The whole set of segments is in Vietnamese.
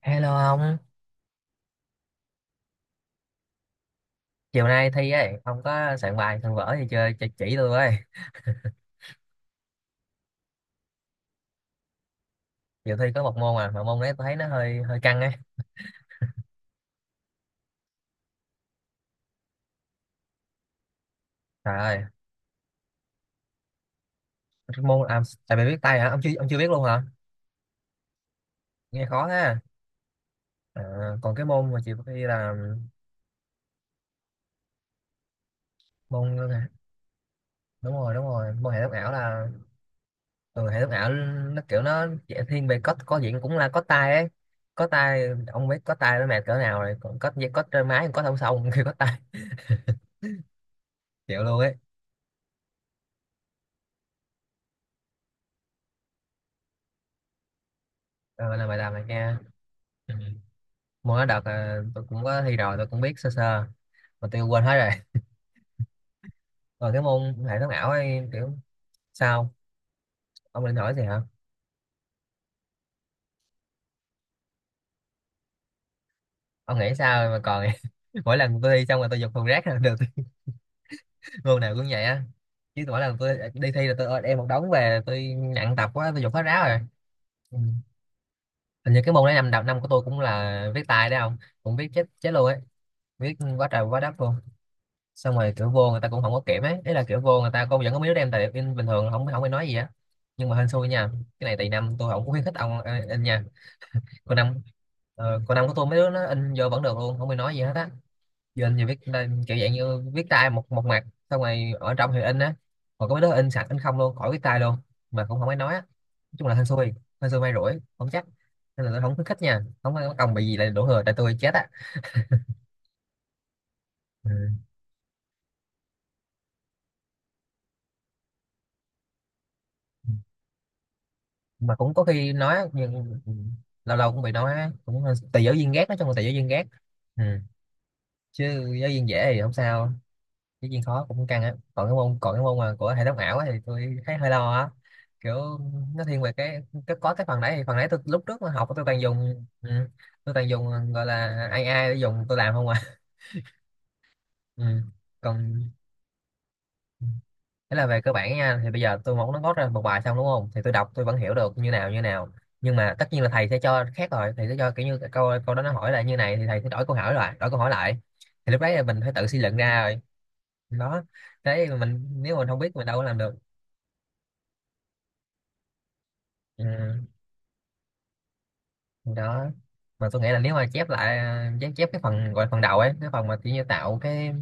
Hello ông, chiều nay thi ấy, ông có soạn bài soạn vở gì chơi chỉ tôi với. Chiều thi có một môn à, mà môn đấy tôi thấy nó hơi hơi căng ấy. Trời ơi, cái môn à, tại vì biết tay hả? Ông chưa biết luôn hả? Nghe khó thế. À, còn cái môn mà chiều thi là môn đúng rồi, đúng rồi, môn hệ thống ảo là ừ, hệ thống ảo nó kiểu nó dễ thiên về code có diện cũng là code tay ấy. Code tay ông biết code tay nó mệt cỡ nào rồi, còn code code trên máy code không xong khi code tay chịu luôn ấy. Ờ, là bài làm này nghe. Ừ. Môn đó đợt à, tôi cũng có thi rồi tôi cũng biết sơ sơ mà tôi quên hết rồi, còn cái môn hệ thống ảo ấy kiểu sao, ông định hỏi gì hả, ông nghĩ sao mà còn mỗi lần tôi thi xong rồi tôi dục thùng rác là được. Môn nào cũng vậy á, chứ mỗi lần tôi đi thi là tôi đem một đống về tôi nặng tập quá tôi dục hết ráo rồi. Ừ. Hình như cái môn đấy năm đầu năm của tôi cũng là viết tay đấy không, cũng viết chết chết luôn ấy, viết quá trời quá đất luôn, xong rồi kiểu vô người ta cũng không có kiểm ấy, đấy là kiểu vô người ta cô vẫn có mấy đứa đem tài liệu in bình thường không không ai nói gì á, nhưng mà hên xui nha, cái này tùy năm, tôi không có khuyến khích ông in nha. Còn năm còn năm của tôi mấy đứa nó in vô vẫn được luôn không ai nói gì hết á. Giờ in thì viết kiểu dạng như viết tay một một mặt, xong rồi ở trong thì in á, còn có mấy đứa in sạch in không luôn khỏi viết tay luôn mà cũng không ai nói á. Nói chung là hên xui, hên xui may rủi không chắc, nên là tôi không khuyến khích nha, không có công bị gì lại đổ thừa tại tôi chết á. Ừ. Mà cũng có khi nói á, nhưng lâu lâu cũng bị nói á, cũng hơi- tùy giáo viên ghét, nói chung là tùy giáo viên ghét. Ừ. Chứ giáo viên dễ thì không sao, giáo viên khó cũng căng á. Còn cái môn, còn cái môn mà của hệ thống ảo á thì tôi thấy hơi lo á, kiểu nó thiên về cái có cái phần đấy, thì phần đấy tôi lúc trước mà học tôi toàn dùng ừ. Tôi toàn dùng gọi là AI để dùng tôi làm không à. Ừ. Còn thế là về cơ bản nha, thì bây giờ tôi muốn nó gót ra một bài xong đúng không? Thì tôi đọc tôi vẫn hiểu được như nào như nào. Nhưng mà tất nhiên là thầy sẽ cho khác rồi, thầy sẽ cho kiểu như câu câu đó nó hỏi là như này thì thầy sẽ đổi câu hỏi lại, đổi câu hỏi lại. Thì lúc đấy là mình phải tự suy luận ra rồi. Đó. Đấy mình nếu mình không biết mình đâu có làm được. Ừ. Đó. Mà tôi nghĩ là nếu mà chép lại chép chép cái phần gọi là phần đầu ấy, cái phần mà kiểu như tạo cái,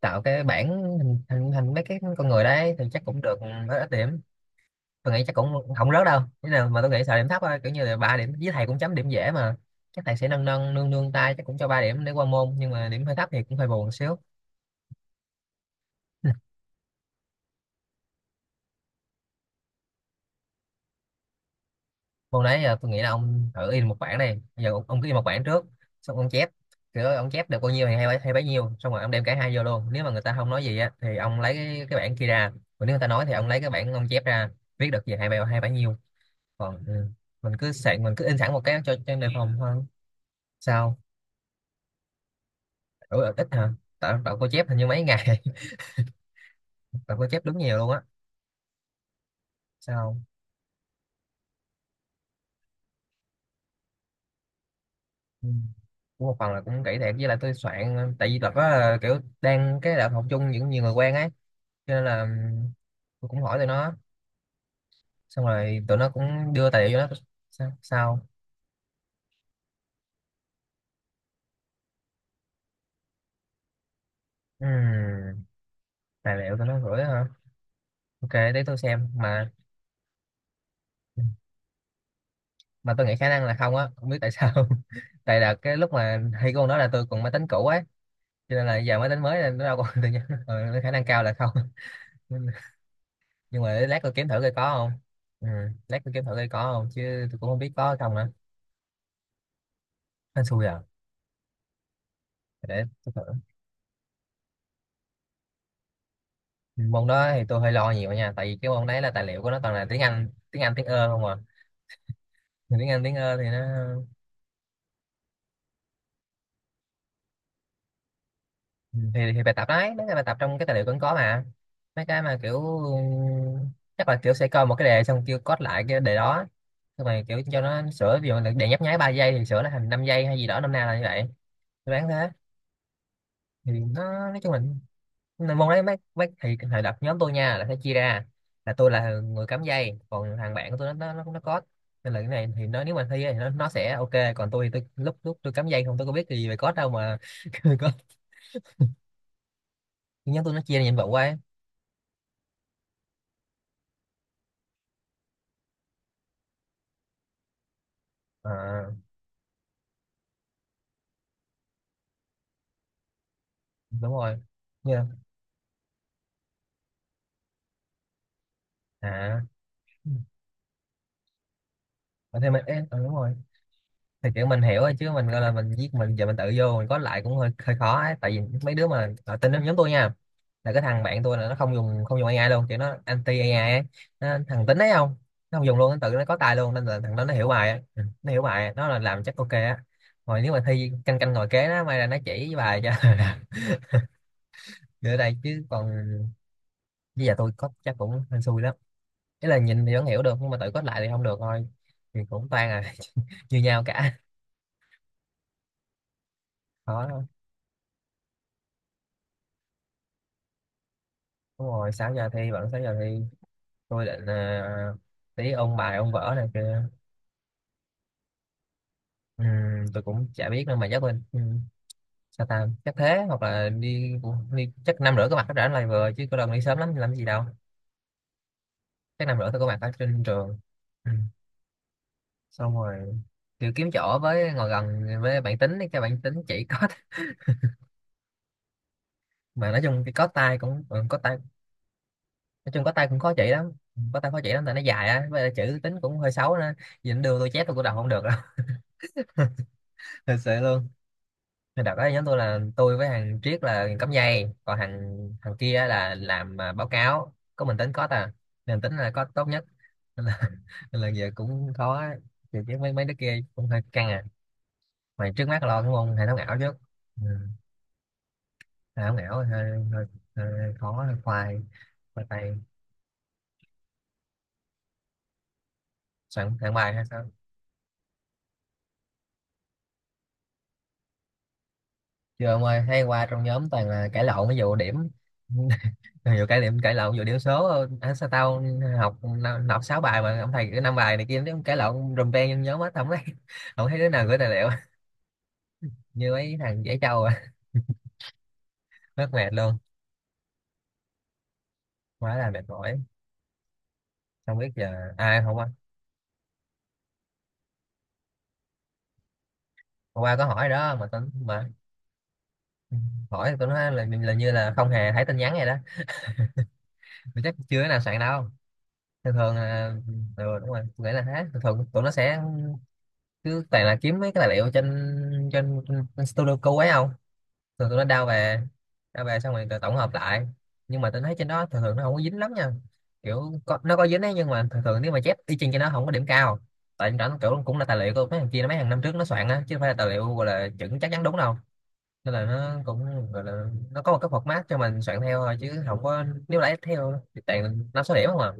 tạo cái bản hình mấy cái con người đấy thì chắc cũng được, với ít điểm. Tôi nghĩ chắc cũng không rớt đâu thế nào, mà tôi nghĩ sợ điểm thấp thôi, kiểu như là ba điểm, với thầy cũng chấm điểm dễ mà, chắc thầy sẽ nâng nâng nương nương tay, chắc cũng cho ba điểm để qua môn, nhưng mà điểm hơi thấp thì cũng hơi buồn một xíu. Môn đấy giờ tôi nghĩ là ông thử in một bảng, này giờ ông cứ in một bảng trước, xong ông chép kiểu ông chép được bao nhiêu thì hay bấy nhiêu, xong rồi ông đem cả hai vô luôn, nếu mà người ta không nói gì á thì ông lấy cái bảng kia ra, còn nếu người ta nói thì ông lấy cái bảng ông chép ra, viết được gì hay bao hay bấy nhiêu. Còn mình cứ sạn mình cứ in sẵn một cái cho đề phòng thôi. Sao? Ủa, ít hả? Tạo tao có chép hình như mấy ngày, tao có chép đúng nhiều luôn á. Sao không? Ừ. Cũng một phần là cũng kỹ thiệt, với lại tôi soạn tại vì đợt đó là kiểu đang cái đợt học chung những nhiều người quen ấy, cho nên là tôi cũng hỏi tụi nó, xong rồi tụi nó cũng đưa tài liệu cho nó. Sao, sao? Ừm, tài liệu tụi nó gửi hả, ok để tôi xem mà. Ừ, mà tôi nghĩ khả năng là không á, không biết tại sao. Tại là cái lúc mà thi con đó là tôi còn máy tính cũ ấy, cho nên là giờ máy tính mới nên nó đâu còn tự nhiên. Ừ, khả năng cao là không, nhưng mà để lát tôi kiếm thử coi có không. Ừ. Lát tôi kiếm thử coi có không chứ, tôi cũng không biết có hay không nữa, hên xui à, để tôi thử. Ừ, môn đó thì tôi hơi lo nhiều nha, tại vì cái môn đấy là tài liệu của nó toàn là tiếng Anh tiếng ơ không à. Thì tiếng Anh tiếng ơ thì nó ừ, thì bài tập đấy mấy cái bài tập trong cái tài liệu cũng có mà, mấy cái mà kiểu chắc là kiểu sẽ coi một cái đề xong kêu code lại cái đề đó, nhưng mà kiểu cho nó sửa, ví dụ là đề nhấp nháy 3 giây thì sửa nó thành 5 giây hay gì đó, năm nào là như vậy, tôi đoán thế. Thì nó nói chung là nên môn đấy mấy mấy thì thời đợt nhóm tôi nha là sẽ chia ra, là tôi là người cắm dây, còn thằng bạn của tôi nó có, nên là cái này thì nó nếu mà thi á thì nó sẽ ok, còn tôi thì tôi lúc lúc tôi cắm dây không, tôi có biết gì về code đâu mà. Có, nhóm tôi nó chia ra nhiệm vụ qua ấy. À, đúng rồi như à. Ờ, thì mình ê, ờ, đúng rồi, thì kiểu mình hiểu rồi, chứ mình gọi là mình viết mình giờ mình tự vô mình có lại cũng hơi hơi khó ấy, tại vì mấy đứa mà ở tên nhóm tôi nha là cái thằng bạn tôi là nó không dùng AI luôn, kiểu nó anti AI ấy. Nó, thằng tính đấy không, nó không dùng luôn, nó tự nó có tài luôn, nên là thằng đó nó hiểu bài á, ừ, nó hiểu bài á. Nó là làm chắc ok á. Rồi nếu mà thi canh canh ngồi kế nó may ra nó chỉ bài cho. Nữa đây chứ còn bây giờ tôi có chắc cũng hên xui lắm, ý là nhìn thì vẫn hiểu được nhưng mà tự code lại thì không được thôi, thì cũng toan à. Như nhau cả, khó lắm. Đúng rồi, 6 giờ thi, vẫn 6 giờ thi. Tôi định tí ôn bài ôn vở này kia. Ừm, tôi cũng chả biết nữa mà chắc mình sao ta, chắc thế, hoặc là đi chắc 5 rưỡi có mặt hết rảnh lại vừa, chứ có lần đi sớm lắm làm gì đâu, chắc năm rưỡi tôi có mặt ở trên trường. Ừ. Xong rồi kiểu kiếm chỗ với ngồi gần với bạn tính ấy, cái bạn tính chỉ có. Mà nói chung cái có tay cũng ừ, có tay, nói chung có tay cũng khó chỉ lắm, có tay khó chỉ lắm tại nó dài á, với lại chữ tính cũng hơi xấu nữa, nhìn đưa tôi chép tôi cũng đọc không được đâu. Thật sự luôn. Nên đợt đó nhóm tôi là tôi với thằng Triết là cắm dây, còn thằng thằng kia là làm à, báo cáo, có mình tính có à, nên tính là có tốt nhất, nên là nên là giờ cũng khó thì, chứ mấy mấy đứa kia cũng hơi căng à. Mày trước mắt lo đúng không, hệ thống ảo trước. Ừ. Hệ thống ảo hơi, hơi khó, hơi khoai. Khoai tay. Soạn soạn bài hay sao? Chưa ông ơi, hay qua trong nhóm toàn là cãi lộn, ví dụ điểm. nhiều cái điểm cãi lộn, vừa điểm số à, sao tao học sáu bài mà ông thầy cái năm bài này kia, nó cãi lộn rùm beng trong nhóm hết không thấy. không thấy đứa nào gửi tài liệu. như mấy thằng dễ trâu à. mất mệt luôn. Quá là mệt mỏi. Không biết giờ ai hôm qua. Hôm qua có hỏi đó mà, tao mà hỏi tụi nó là như là không hề thấy tin nhắn này đó. Mà chắc chưa cái nào soạn đâu. Thường thường là ừ, đúng rồi. Tôi nghĩ là thế, thường thường tụi nó sẽ cứ toàn là kiếm mấy cái tài liệu trên trên, trên Studio Code ấy không? Thường tụi nó đao về, đao về xong rồi tự tổng hợp lại. Nhưng mà tôi thấy trên đó thường thường nó không có dính lắm nha. Kiểu có, nó có dính ấy, nhưng mà thường thường nếu mà chép y chang cho nó không có điểm cao. Tại nó kiểu cũng là tài liệu của mấy thằng kia, mấy hàng năm trước nó soạn á, chứ không phải là tài liệu gọi là chuẩn chắc chắn đúng đâu. Nên là nó cũng gọi là, nó có một cái format cho mình soạn theo thôi, chứ không có, nếu lấy theo thì toàn năm số điểm không à.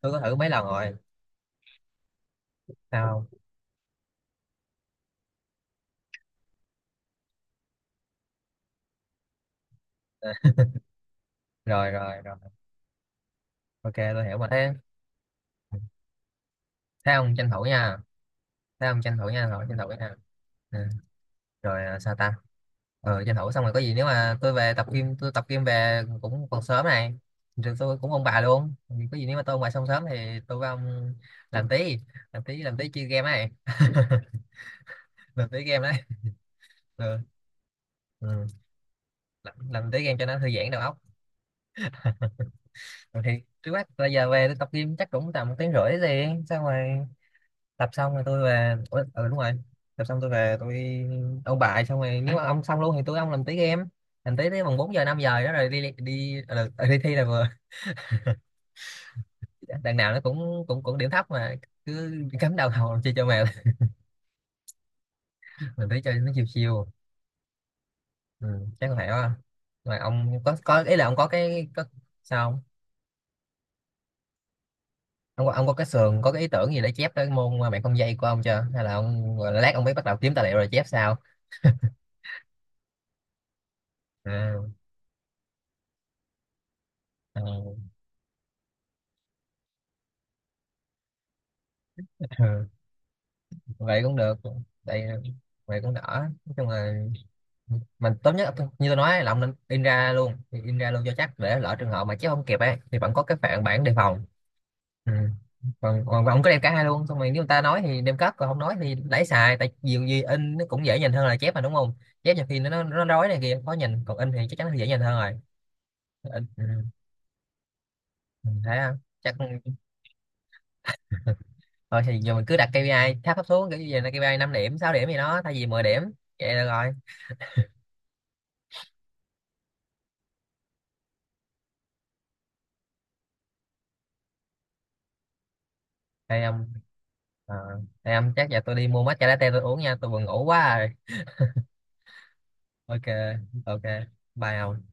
Tôi có thử mấy lần rồi. Sao? Rồi rồi rồi. Ok tôi hiểu mà. Thế thế ông tranh thủ nha. Thế ông tranh thủ nha, rồi tranh thủ nha. Ừ. Rồi à, sao ta? Ờ tranh thủ xong rồi, có gì nếu mà tôi về tập gym, tôi tập gym về cũng còn sớm này. Rồi tôi cũng ông bà luôn. Có gì nếu mà tôi ông bà xong sớm thì tôi với ông làm tí. Làm tí chơi game này. Làm tí game đấy. Ừ. Ừ. Làm tí game cho nó thư giãn đầu óc. Rồi thì, trước mắt bây giờ về tôi tập gym chắc cũng tầm một tiếng rưỡi gì. Xong rồi, tập xong rồi tôi về. Ủa, ừ đúng rồi. Tập xong tôi về tôi, ông bà xong rồi, nếu mà ông xong luôn thì tôi với ông làm tí game. Làm tí tới bằng 4 giờ 5 giờ đó, rồi đi đi đi, ờ, ừ, đi thi là vừa. Đằng nào nó cũng cũng cũng điểm thấp mà. Cứ cắm đầu hầu chơi cho mèo. mình thấy chơi nó chiều chiều. Ừ, chắc là vậy quá. Mà ông có ý là ông có cái có, sao không? Ông có, ông có cái sườn, có cái ý tưởng gì để chép cái môn mà bạn không dây của ông chưa, hay là ông gọi là lát ông mới bắt đầu kiếm tài liệu rồi chép sao? À, à, ừ, vậy cũng được. Đây, vậy cũng đỡ. Nói chung là mình tốt nhất như tôi nói là ông nên in ra luôn, in ra luôn cho chắc, để lỡ trường hợp mà chép không kịp ấy thì vẫn có cái phản bản đề phòng. Ừ. Còn còn và ông có đem cả hai luôn, xong rồi nếu người ta nói thì đem cắp, còn không nói thì lấy xài, tại nhiều gì in nó cũng dễ nhìn hơn là chép mà, đúng không? Chép nhiều khi nó rối này kia khó nhìn, còn in thì chắc chắn là dễ nhìn hơn rồi. In, ừ. Ừ, thấy không chắc. Thôi thì giờ mình cứ đặt KPI tháp thấp xuống, kiểu như vậy là KPI 5 điểm 6 điểm gì đó thay vì mười điểm. Vậy được rồi. Thì ông à, thì ông chắc giờ tôi đi mua matcha latte tôi uống nha, tôi vừa ngủ quá rồi. Ok ok. Bye ông.